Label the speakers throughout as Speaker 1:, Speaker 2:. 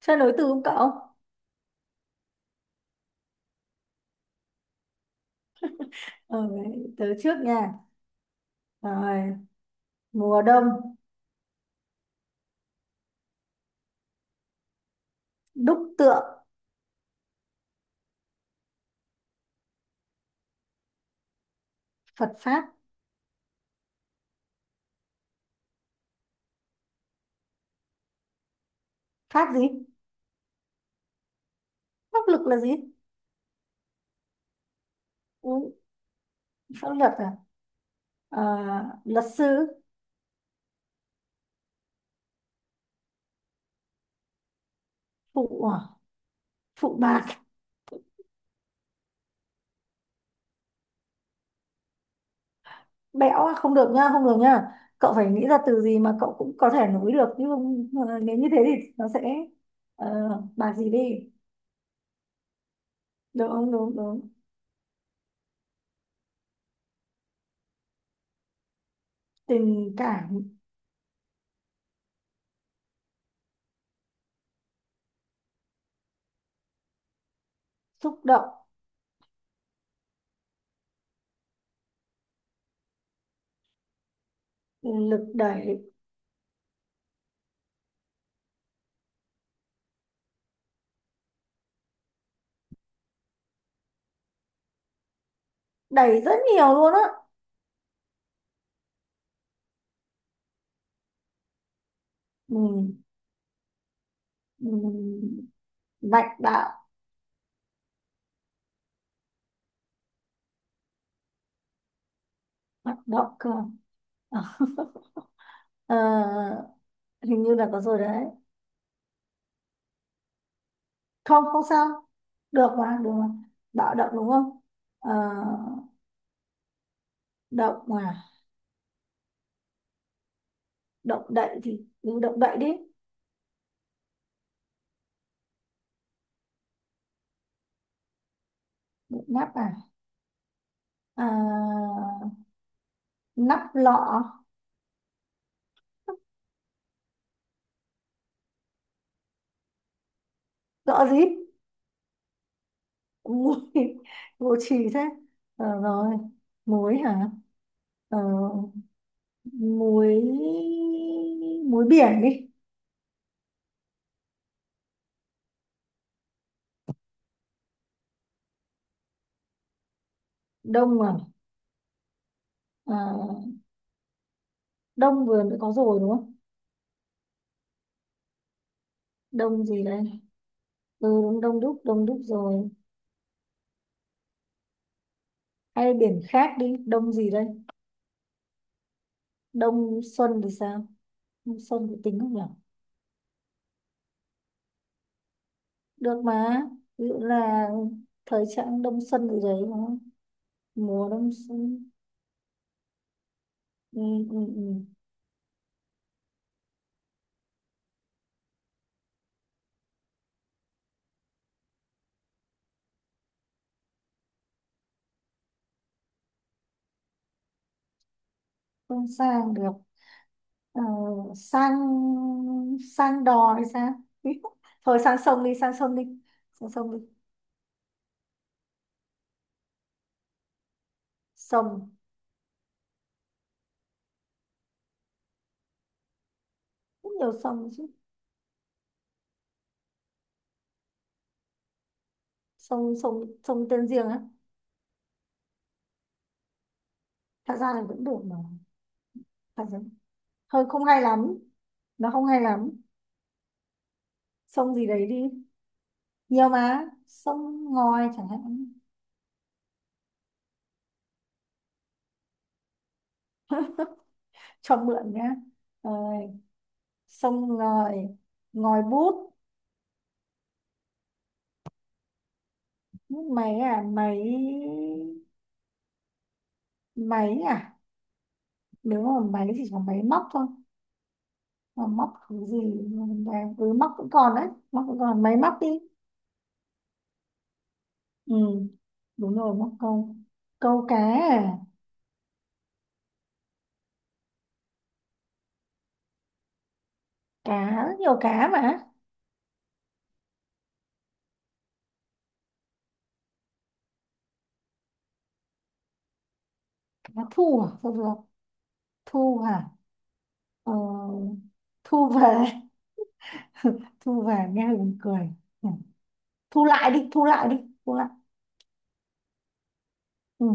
Speaker 1: Chơi nối từ không cậu? Ờ, tớ trước nha. Rồi, mùa đông, đúc tượng, Phật Pháp. Pháp gì? Pháp lực là gì? Ừ, pháp luật à? Ờ, luật sư, phụ, à? Phụ bạc, bẽo à? Không được nha, không được nha. Cậu phải nghĩ ra từ gì mà cậu cũng có thể nối được. Nhưng không, nếu như thế thì nó sẽ bạc gì đi. Đúng, đúng, đúng. Đúng. Tình cảm, xúc động, lực đẩy, đẩy rất nhiều luôn á. Ừ, ừ, mạnh bạo, hoạt động cơ à, ờ, hình như là có rồi đấy. Không, không sao. Được mà, được mà. Bạo động đúng không? Ờ, động à, động đậy thì cứ động đậy đi. Động nắp à, à nắp lọ. Lọ gì? Mùi vô trì thế. Ờ, rồi muối hả? Ờ, muối, muối biển đi. Đông à? Ờ, đông vừa mới có rồi đúng không? Đông gì đây? Ừ, đúng, đông đúc, đông đúc rồi. Hay biển khác đi, đông gì đây? Đông xuân thì sao? Đông xuân thì tính không nhỉ? Được mà. Ví dụ là thời trạng đông xuân gì đấy đúng không? Mùa đông xuân. Ừ, ừ, ừ. Không sang được. Ờ, sang, sang đò hay sao? Thôi sang sông đi, sang sông đi, sang sông đi. Sông, rất nhiều sông chứ. Sông, sông, sông tên riêng á. Thật ra là vẫn được mà. Thật ra hơi không hay lắm. Nó không hay lắm. Sông gì đấy đi, nhiều mà, sông ngòi chẳng hạn. Cho mượn nhá. Rồi, sông ngòi, ngòi bút. Bút máy à? Máy, máy à, nếu mà máy thì chỉ có máy móc thôi. Mà móc cái gì? mà- ừ, móc cũng còn đấy, móc cũng còn, máy móc đi. Ừ, đúng rồi, móc câu. Câu cá à? Cá, nhiều cá mà. Cá thu à, thôi được. Thu à, ờ, thu về. Thu về nghe buồn cười. Ừ. Thu lại đi, thu lại đi, thu lại. Ừ.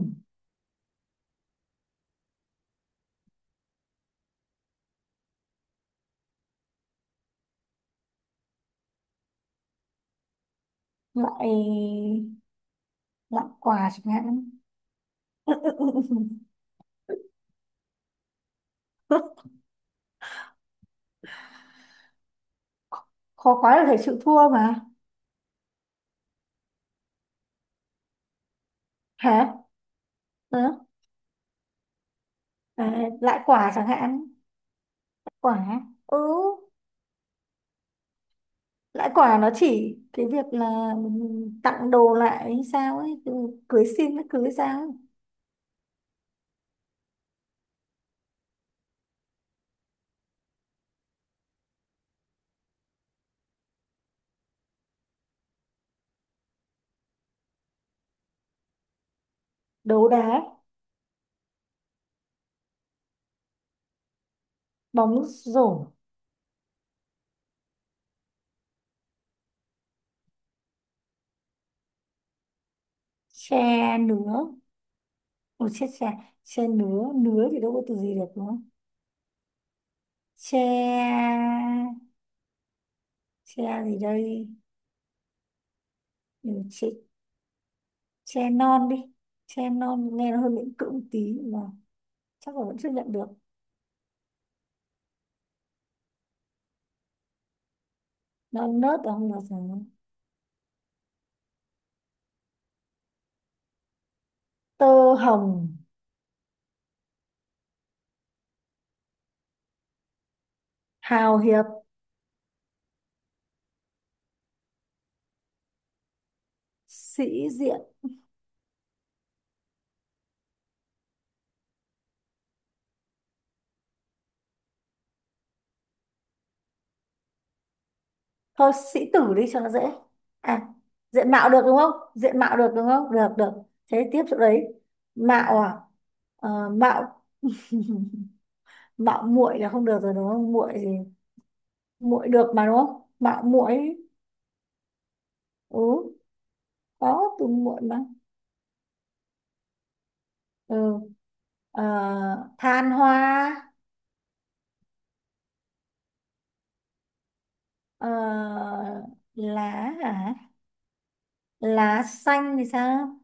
Speaker 1: Lại, lại quà chẳng hạn. Khó quá là phải chịu thua mà. Hả? Ừ. À, lại quả chẳng hạn. Quả. Ừ. Lại quả nó chỉ cái việc là mình tặng đồ lại hay sao ấy, ừ, cưới xin nó cưới sao ấy. Đấu đá, bóng rổ, tre nứa. Ồ chết, tre, tre nứa, nứa thì đâu có từ gì được đúng không? Tre, tre gì đây? Ừ, tre. Tre non đi. Tre non nghe nó hơi miễn cưỡng một tí nhưng mà chắc là vẫn chấp nhận được. Non nớt là không được rồi. Tơ hồng, hào hiệp, sĩ diện. Thôi sĩ tử đi cho nó dễ. À, diện mạo được đúng không? Diện mạo được đúng không? Được, được. Thế tiếp chỗ đấy. Mạo à? Ờ, mạo, mạo muội là không được rồi đúng không? Muội gì? Muội được mà đúng không? Mạo muội. Ừ, có từ muội mà. Ừ. Ờ, than hoa. Ờ, lá à, lá xanh thì sao?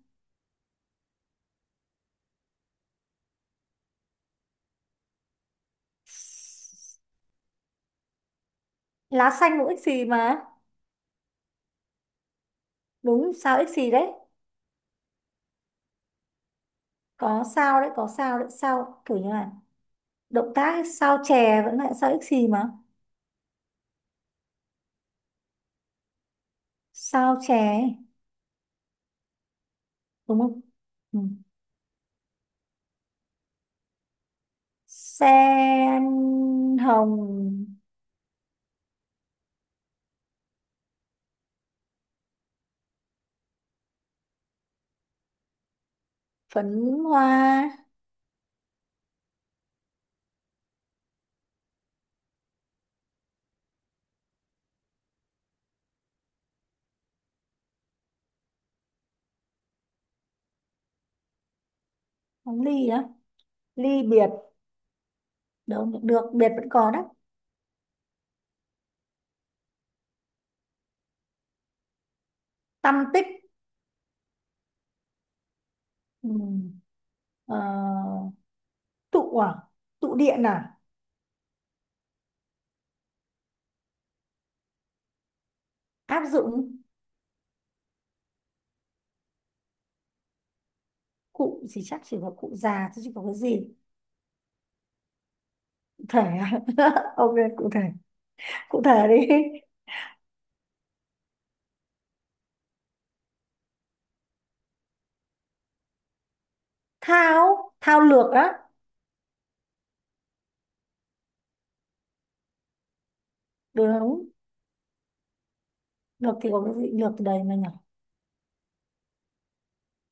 Speaker 1: Lá xanh cũng ích xì mà. Đúng, sao ích xì đấy. Có sao đấy, có sao đấy, sao kiểu như là động tác sao chè vẫn lại sao ích xì mà. Sao chè ấy, đúng không? Ừ. Sen hồng phấn hoa. Bóng ly á, ly biệt. Đâu được, được, biệt vẫn có đấy. Tâm tích. Ừ. Ờ, tụ à, tụ điện à. Áp dụng, cụ gì, chắc chỉ có cụ già chứ chỉ có cái gì. Thể à? Ok, cụ thể, cụ thể đi. Thao, thao lược á. Đúng. Lược thì có cái gì lược từ đấy mà nhỉ?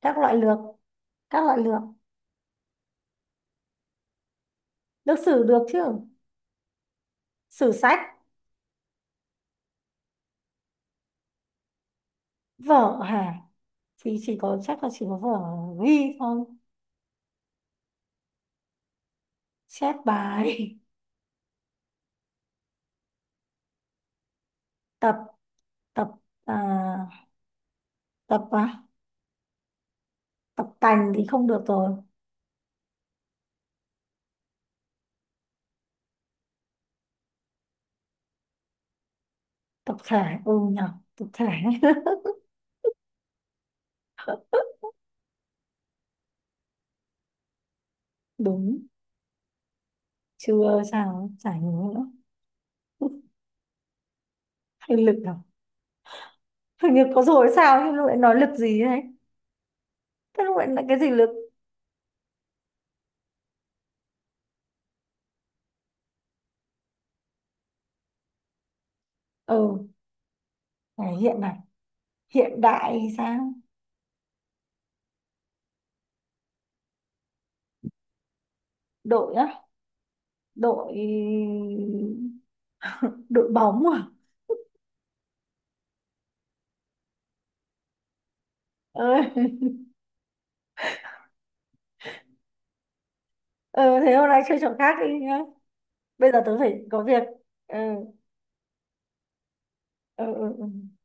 Speaker 1: Các loại lược, các loại lược, lược sử được chứ. Sử sách, vở hả? Thì chỉ có, chắc là chỉ có vở ghi thôi. Chép bài. Tập, tập, à, tập à? Tập tành thì không được rồi. Tập thể, ừ nhỉ, tập thể. Đúng. Chưa sao chả nhớ nữa. Hay lực à? Hình như có rồi sao nhưng lại nói lực gì đấy. Thế gọi là cái gì lực? Ừ, này hiện, này hiện đại hay sao. Đội á, đội. Đội bóng à. Ừ. Ừ, thế hôm nay chơi trò khác đi nhá. Bây giờ tớ phải có việc. Ừ, ừ, ừ, ừ.